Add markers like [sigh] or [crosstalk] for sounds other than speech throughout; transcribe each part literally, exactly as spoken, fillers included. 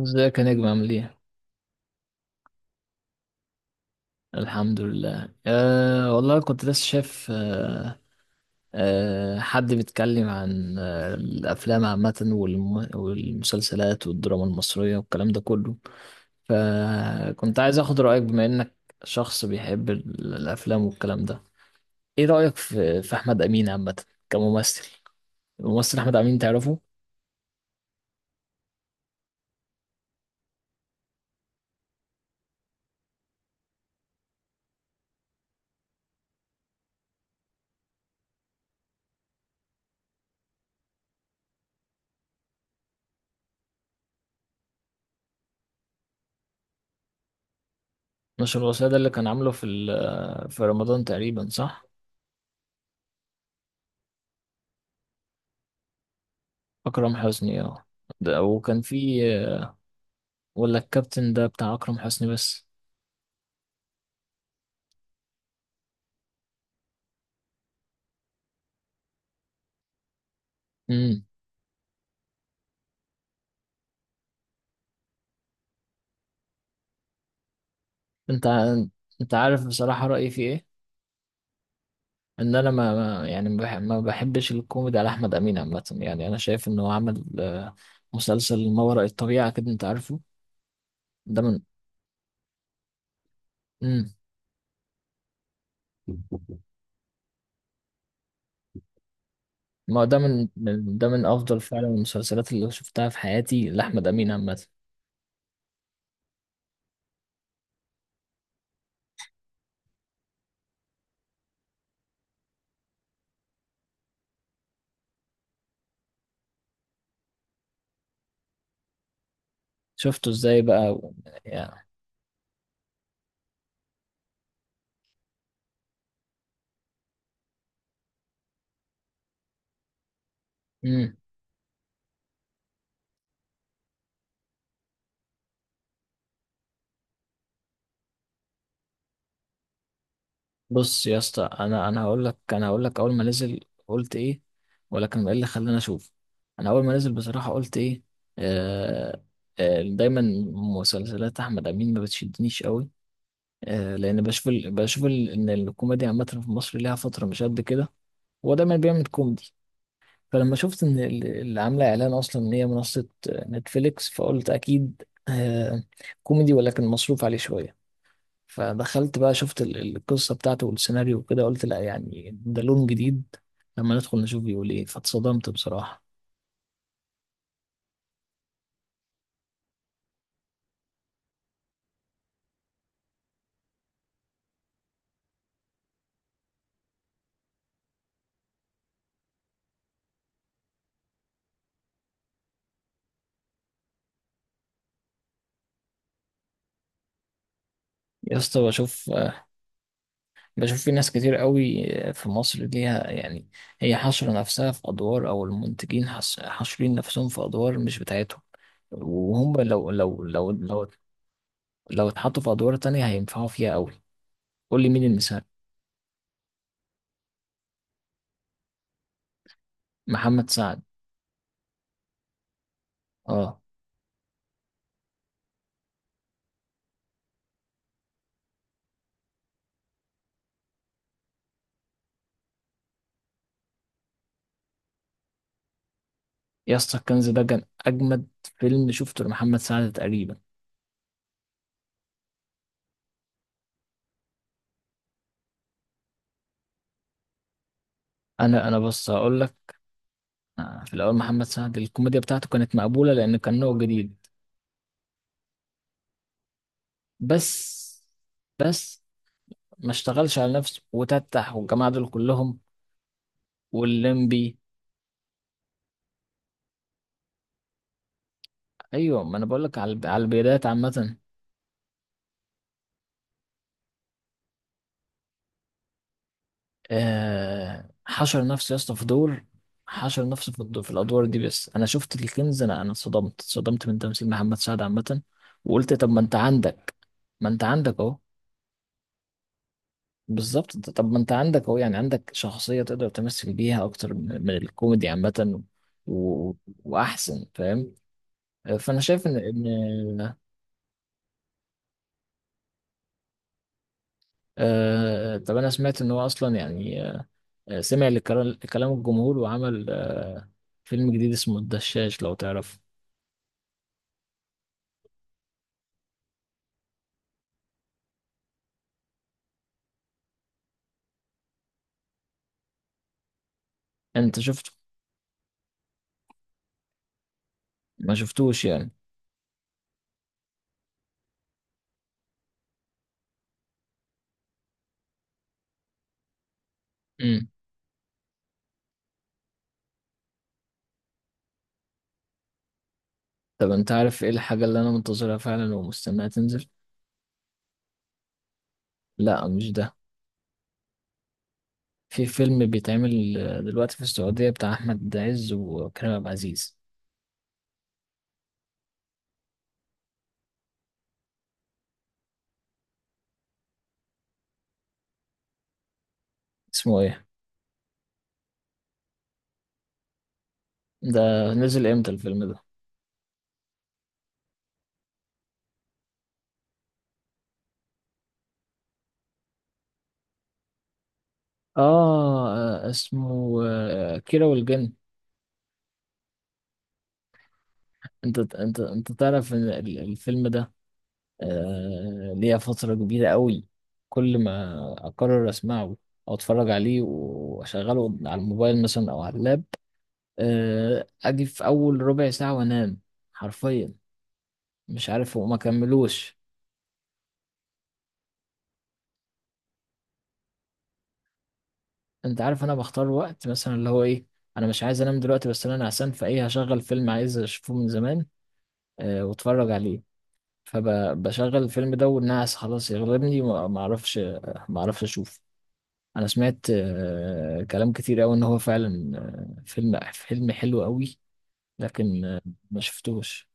ازيك يا نجم؟ عامل ايه؟ الحمد لله. أه والله كنت لسه شايف. أه أه حد بيتكلم عن أه الأفلام عامة والم- والمسلسلات والدراما المصرية والكلام ده كله، فكنت عايز أخد رأيك بما إنك شخص بيحب ال- الأفلام والكلام ده. ايه رأيك في في أحمد أمين عامة كممثل؟ الممثل أحمد أمين، تعرفه؟ نشر الوصية ده اللي كان عامله في ال- في رمضان تقريبا، صح؟ أكرم حسني، اه. ده وكان في، ولا الكابتن ده بتاع أكرم حسني بس؟ امم. انت ع- انت عارف بصراحة رأيي في ايه؟ ان انا ما ما- يعني ما بح- ما بحبش الكوميدي على احمد امين عامة. يعني انا شايف انه عمل آه، مسلسل ما وراء الطبيعة كده، انت عارفه. ده من، امم. ما هو ده من من- ده من افضل فعلا المسلسلات اللي شفتها في حياتي لاحمد امين عامة. شفته ازاي بقى و- يعني. بص يا اسطى، انا انا هقول لك، انا هقول لك، اول ما نزل قلت ايه؟ ولكن ايه اللي خلاني اشوف؟ انا اول ما نزل بصراحه قلت ايه؟ آه آه دايما مسلسلات احمد امين ما بتشدنيش قوي، آه لان بشوف ال... بشوف ال... ان الكوميديا عامه في مصر ليها فتره مش قد كده. هو دايما بيعمل كوميدي. فلما شفت ان ال- اللي عامله اعلان اصلا ان هي منصه آه، نتفليكس، فقلت اكيد آه كوميدي، ولكن مصروف عليه شويه. فدخلت بقى شفت ال- ال- القصة بتاعته والسيناريو وكده، قلت لا يعني ده لون جديد. لما ندخل نشوف بيقول ايه، فاتصدمت بصراحة. يا اسطى، بشوف آه، بشوف في ناس كتير قوي آه، في مصر ليها يعني هي حاشرة نفسها في أدوار، أو المنتجين حاس- حاشرين نفسهم في أدوار مش بتاعتهم، وهم لو لو لو لو لو اتحطوا في أدوار تانية هينفعوا فيها قوي. قول لي مين المثال. محمد سعد، اه. يا اسطى، الكنز ده كان أجمد فيلم شفته لمحمد سعد تقريبا. انا انا بص هقول لك، آه، في الأول محمد سعد الكوميديا بتاعته كانت مقبولة لأن كان نوع جديد، بس بس ما اشتغلش على نفسه وتتح والجماعة دول كلهم. واللمبي، أيوة، ما أنا بقولك على على البدايات عامة. آه، حشر نفسه يا اسطى في دور، حشر نفسه في الدور، في الأدوار دي. بس أنا شفت الكنز، أنا أنا اتصدمت، اتصدمت من تمثيل محمد سعد عامة. وقلت طب ما أنت عندك، ما أنت عندك أهو. بالظبط. انت- طب ما انت عندك اهو، يعني عندك شخصية تقدر تمثل بيها اكتر من من الكوميدي عامة. و... واحسن، فاهم. فانا شايف ان ان آه... طب انا سمعت ان هو اصلا يعني، آه... سمع لكلام، كلام الجمهور، وعمل آه... فيلم جديد اسمه الدشاش، لو تعرف. انت شفته؟ ما شفتوش يعني؟ امم. طب انت عارف ايه الحاجة اللي انا منتظرها فعلا ومستناها تنزل؟ لا مش ده. في فيلم بيتعمل آه، دلوقتي في السعودية بتاع أحمد عز وكريم عبد العزيز. اسمه ايه ده؟ نزل امتى الفيلم ده؟ اه، آه، اسمه آه، كيرة والجن. انت انت انت تعرف ان ال- الفيلم ده آه، ليا فترة كبيرة قوي كل ما اقرر اسمعه او اتفرج عليه، واشغله على الموبايل مثلا او على اللاب، آه، اجي في اول ربع ساعة وانام، حرفيا. مش عارف، وما كملوش. انت عارف انا بختار وقت مثلا اللي هو ايه؟ انا مش عايز انام دلوقتي بس انا نعسان، فايه هشغل فيلم عايز اشوفه من زمان آه، واتفرج عليه. فبشغل الفيلم ده والناس خلاص يغلبني، ما ما اعرفش، ما اعرفش اشوف. انا سمعت آه، كلام كتير قوي ان هو فعلا آه، فيلم فيلم حلو قوي، لكن آه، ما شفتوش.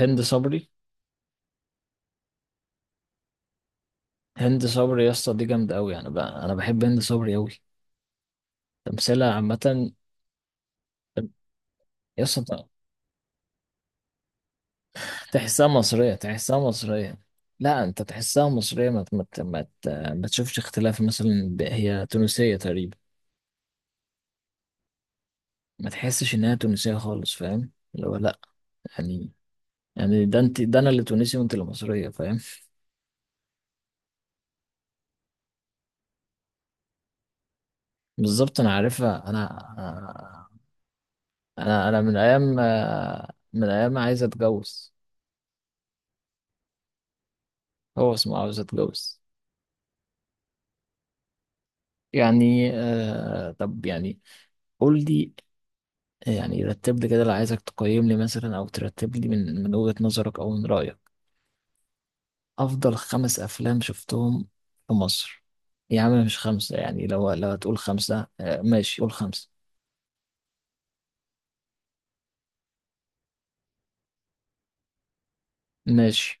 هند صبري. هند صبري يا اسطى دي جامده قوي. يعني بقى انا بحب هند صبري قوي، تمثيلها عامه. يا اسطى، تحسها مصريه، تحسها مصريه. لا، انت تحسها مصريه. ما ت- ما ت- ما ت- ما تشوفش اختلاف مثلا، ب- هي تونسيه تقريبا. ما تحسش انها تونسية خالص، فاهم اللي هو لا يعني. يعني ده انت، ده انا اللي تونسي وانت اللي مصرية، فاهم؟ بالظبط، انا عارفها انا. انا انا من ايام، من ايام ما عايز اتجوز. هو اسمه عاوز اتجوز. يعني آه، طب يعني قول لي. يعني رتب لي كده، اللي عايزك تقيم لي مثلا او ترتب لي من من وجهة نظرك او من رأيك افضل خمس افلام شفتهم في مصر. يا عم، مش خمسة يعني. لو لو هتقول خمسة آه ماشي، قول خمسة. ماشي.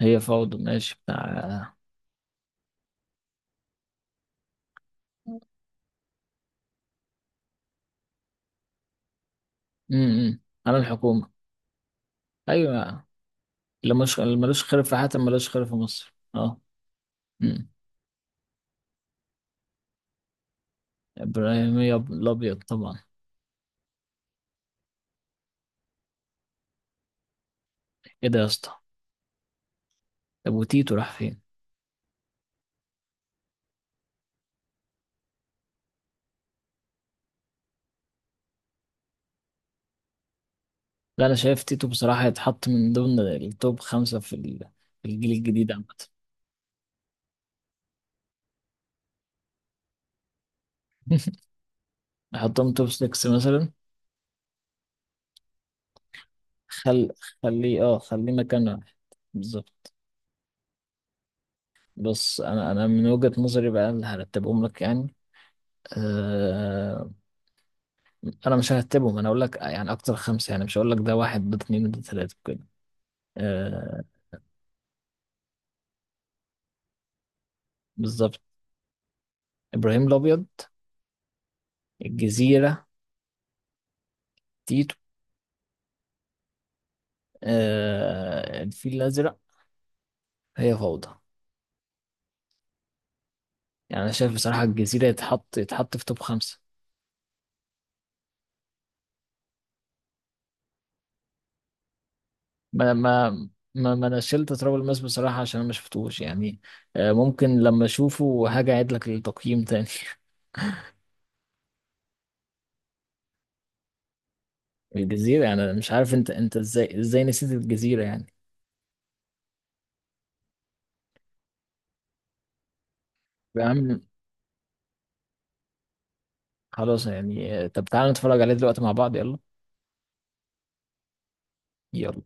هي فوضى، ماشي، بتاع. امم. على الحكومة. أيوة، اللي مش، اللي ملوش خير في حاتم ملوش خير في مصر، اه. امم. إبراهيمية، ب- الأبيض طبعا. ايه ده يا اسطى؟ طب وتيتو راح فين؟ لا، أنا شايف تيتو بصراحة يتحط من ضمن التوب خمسة في ال- في الجيل الجديد عامة. [laughs] أحطهم توب ستة مثلا. خل خليه اه، خليه مكان واحد. بالظبط. بس أنا أنا من وجهة نظري بقى اللي هرتبهم لك يعني آه، انا مش هرتبهم، انا اقول لك يعني اكتر خمسه يعني. مش هقول لك ده واحد، ده اتنين، ده تلاته كده، آه. بالظبط. ابراهيم الابيض، الجزيره، تيتو، آه الفيل الازرق، هي فوضى. يعني انا شايف بصراحه الجزيره يتحط، يتحط في توب خمسه. ما ما ما, ما انا شلت تراب الماس بصراحه عشان انا ما شفتوش يعني. آه، ممكن لما اشوفه هاجي اعيد لك التقييم تاني. [laughs] الجزيره يعني، أنا مش عارف انت، انت ازاي ازاي نسيت الجزيره يعني؟ يا عم خلاص يعني آه، طب تعالى نتفرج عليه دلوقتي مع بعض، يلا. يلا.